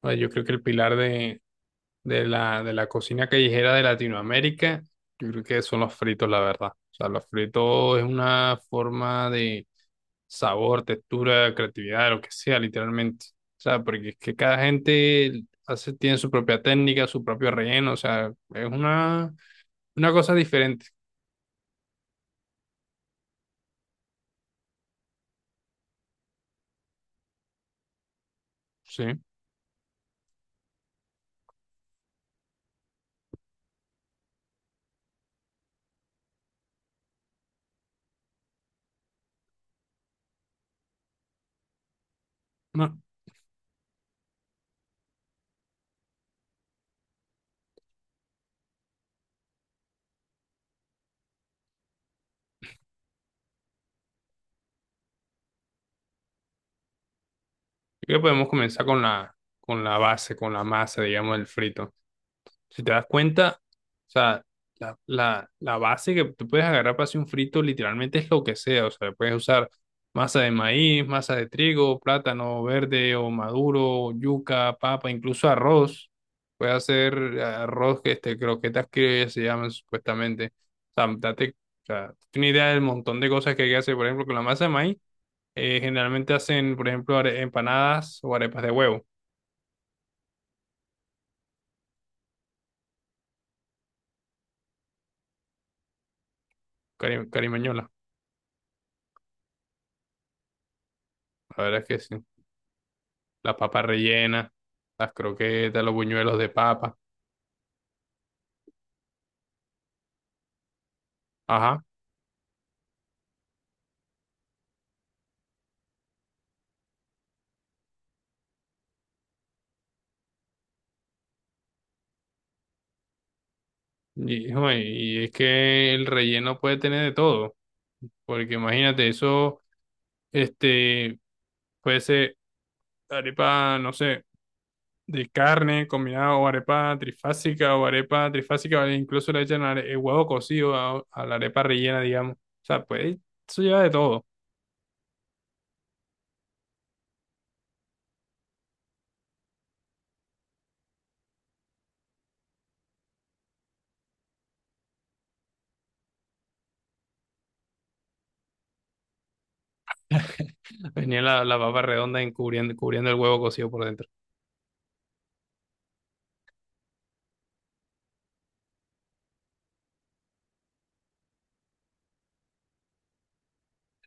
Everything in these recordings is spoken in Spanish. Bueno, yo creo que el pilar de la cocina callejera de Latinoamérica, yo creo que son los fritos, la verdad. O sea, los fritos es una forma de sabor, textura, creatividad, lo que sea, literalmente. O sea, porque es que cada gente hace, tiene su propia técnica, su propio relleno, o sea, es una cosa diferente, ¿sí? No, yo creo que podemos comenzar con la base, con la masa, digamos, del frito. Si te das cuenta, o sea, la base que tú puedes agarrar para hacer un frito literalmente es lo que sea. O sea, puedes usar masa de maíz, masa de trigo, plátano verde o maduro, yuca, papa, incluso arroz. Puedes hacer arroz, que este, croquetas que se llaman supuestamente. O sea, date, o sea, tienes idea del montón de cosas que hay que hacer. Por ejemplo, con la masa de maíz, generalmente hacen, por ejemplo, empanadas o arepas de huevo, carimañola. La verdad es que sí. Las papas rellenas, las croquetas, los buñuelos de papa. Ajá. Y, hijo, y es que el relleno puede tener de todo, porque imagínate, eso, este, puede ser arepa, no sé, de carne combinada o arepa trifásica o arepa trifásica, o incluso le echan el huevo cocido a la arepa rellena, digamos. O sea, pues eso lleva de todo. Venía la papa redonda encubriendo, cubriendo el huevo cocido por dentro.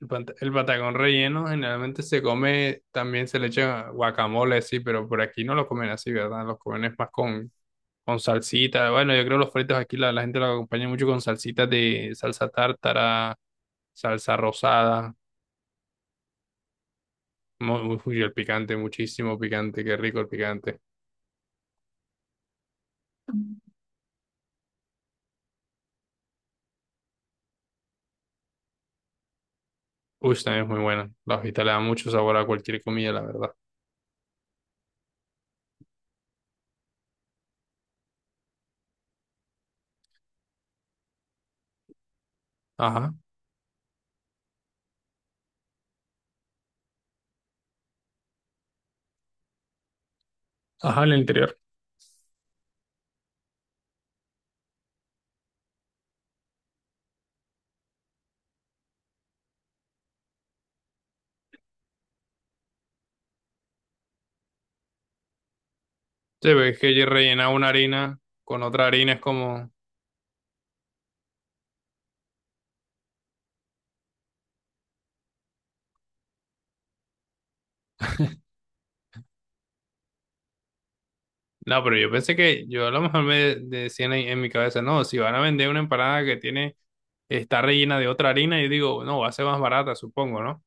El patacón relleno generalmente se come, también se le echa guacamole, sí, pero por aquí no lo comen así, ¿verdad? Los comen es más con salsita. Bueno, yo creo que los fritos aquí la gente lo acompaña mucho con salsitas de salsa tártara, salsa rosada. Uy, el picante, muchísimo picante, qué rico el picante. Uy, también es muy buena. La hojita le da mucho sabor a cualquier comida, la verdad. Ajá, ajá, en el interior. Sí, pero es que ella rellena una harina con otra harina, es como... No, pero yo pensé que yo a lo mejor me decían en mi cabeza, no, si van a vender una empanada que tiene, está rellena de otra harina, yo digo, no, va a ser más barata, supongo, ¿no?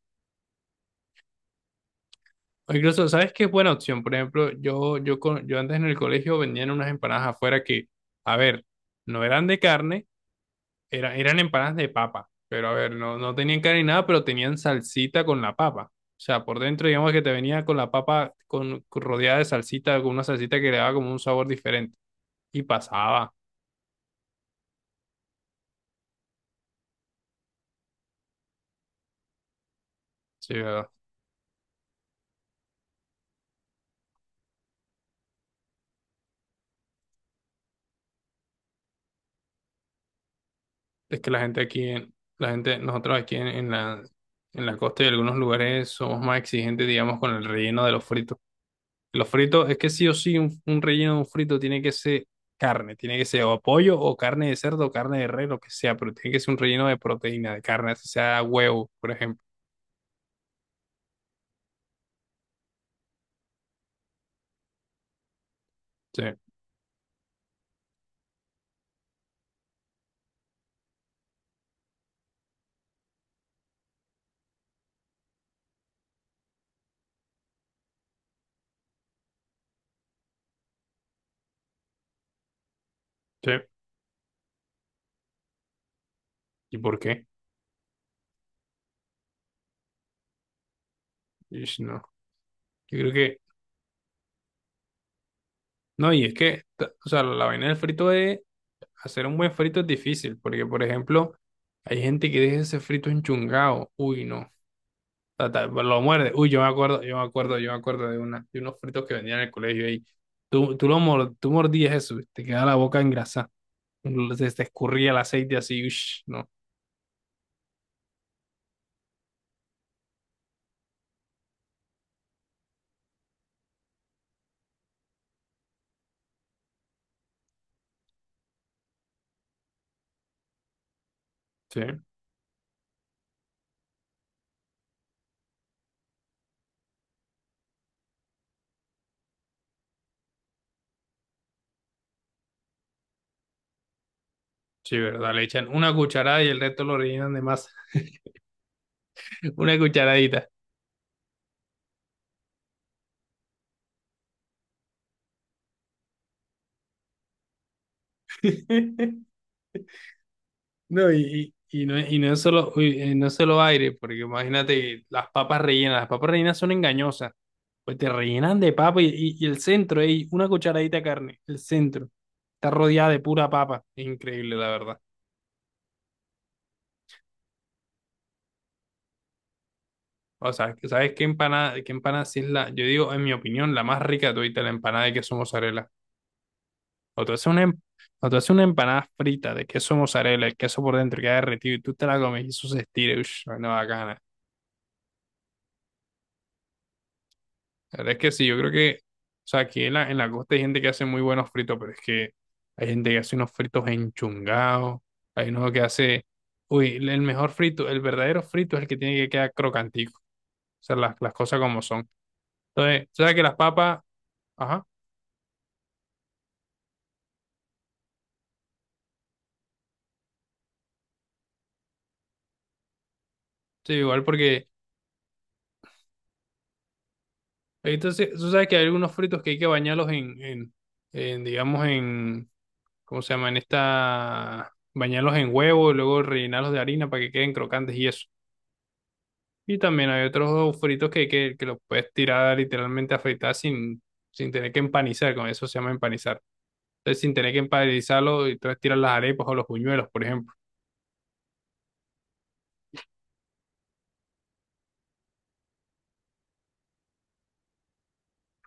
O incluso, ¿sabes qué es buena opción? Por ejemplo, yo antes en el colegio vendían unas empanadas afuera que, a ver, no eran de carne, era, eran empanadas de papa, pero a ver, no, no tenían carne ni nada, pero tenían salsita con la papa. O sea, por dentro, digamos que te venía con la papa con, rodeada de salsita, con una salsita que le daba como un sabor diferente. Y pasaba. Sí, es que la gente aquí, la gente, nosotros aquí en la costa y algunos lugares somos más exigentes, digamos, con el relleno de los fritos. Los fritos, es que sí o sí, un relleno de un frito tiene que ser carne, tiene que ser o pollo o carne de cerdo o carne de res, lo que sea, pero tiene que ser un relleno de proteína, de carne, así sea huevo, por ejemplo. Sí, sí. ¿Y por qué? Ish, no. Yo creo que, no, y es que, o sea, la vaina del frito es, hacer un buen frito es difícil, porque, por ejemplo, hay gente que deja ese frito enchungado. Uy, no. Ta, ta, lo muerde. Uy, yo me acuerdo de, una, de unos fritos que vendían en el colegio ahí. Tú mordías eso, te quedaba la boca engrasada. Se te escurría el aceite así, ush, no. Sí, sí, verdad. Le echan una cucharada y el resto lo rellenan de masa. Una cucharadita. No, y no es solo, no es solo aire, porque imagínate las papas rellenas. Las papas rellenas son engañosas. Pues te rellenan de papa y el centro, ey, una cucharadita de carne, el centro. Está rodeada de pura papa. Increíble, la verdad. O sea, ¿qué empanada sí es la, yo digo, en mi opinión, la más rica de todita, la empanada de queso mozzarella? O tú haces o tú haces una empanada frita de queso mozzarella, el queso por dentro queda derretido y tú te la comes y eso se estira, ush, no, bacana. La verdad es que sí, yo creo que, o sea, aquí en la costa hay gente que hace muy buenos fritos, pero es que hay gente que hace unos fritos enchungados, hay uno que hace, uy, el mejor frito, el verdadero frito es el que tiene que quedar crocantico, o sea, las cosas como son. Entonces, tú sabes que las papas, ajá, sí, igual porque, entonces, tú sabes que hay algunos fritos que hay que bañarlos digamos, en, ¿cómo se llama? En esta, bañarlos en huevo y luego rellenarlos de harina para que queden crocantes y eso. Y también hay otros fritos que los puedes tirar literalmente a fritar sin, sin tener que empanizar, con eso se llama empanizar. Entonces, sin tener que empanizarlo, y entonces tiras las arepas o los buñuelos, por ejemplo.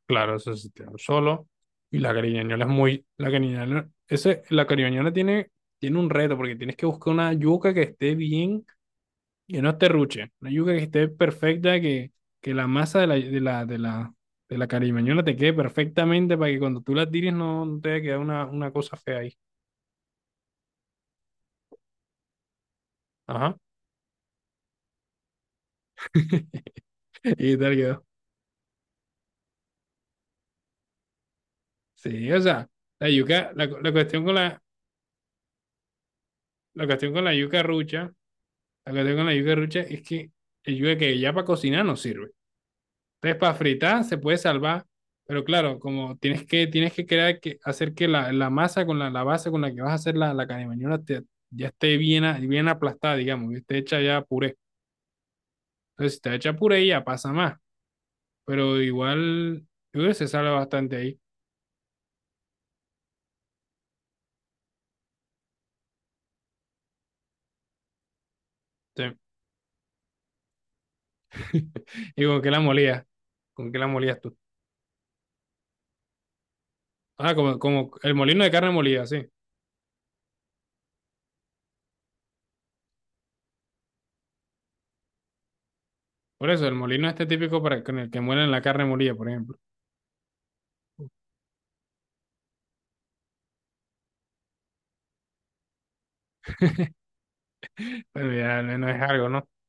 Claro, eso se tira solo. Y la cariñañola es muy. La cariñañola, ese, la cariñañola tiene, tiene un reto, porque tienes que buscar una yuca que esté bien, que no esté ruche. Una yuca que esté perfecta, que la masa de la cariñañola te quede perfectamente para que cuando tú la tires no, no te vaya a quedar una cosa fea ahí. Ajá. Y tal quedó. Sí, o sea, la yuca, la cuestión con la, la cuestión con la yuca rucha, la cuestión con la yuca rucha es que el yuca que ya para cocinar no sirve. Entonces, para fritar se puede salvar, pero claro, como tienes que crear que, hacer que la masa con la base con la que vas a hacer la carne te- ya esté bien, bien aplastada, digamos, que esté hecha ya puré. Entonces, si está hecha puré, ya pasa más. Pero igual, yo creo que se salva bastante ahí. Sí. ¿Y con qué la molías? ¿Con qué la molías tú? Ah, como el molino de carne molida, sí. Por eso, el molino este típico para con el que muelen la carne molida, por ejemplo. Pero ya no es algo, ¿no?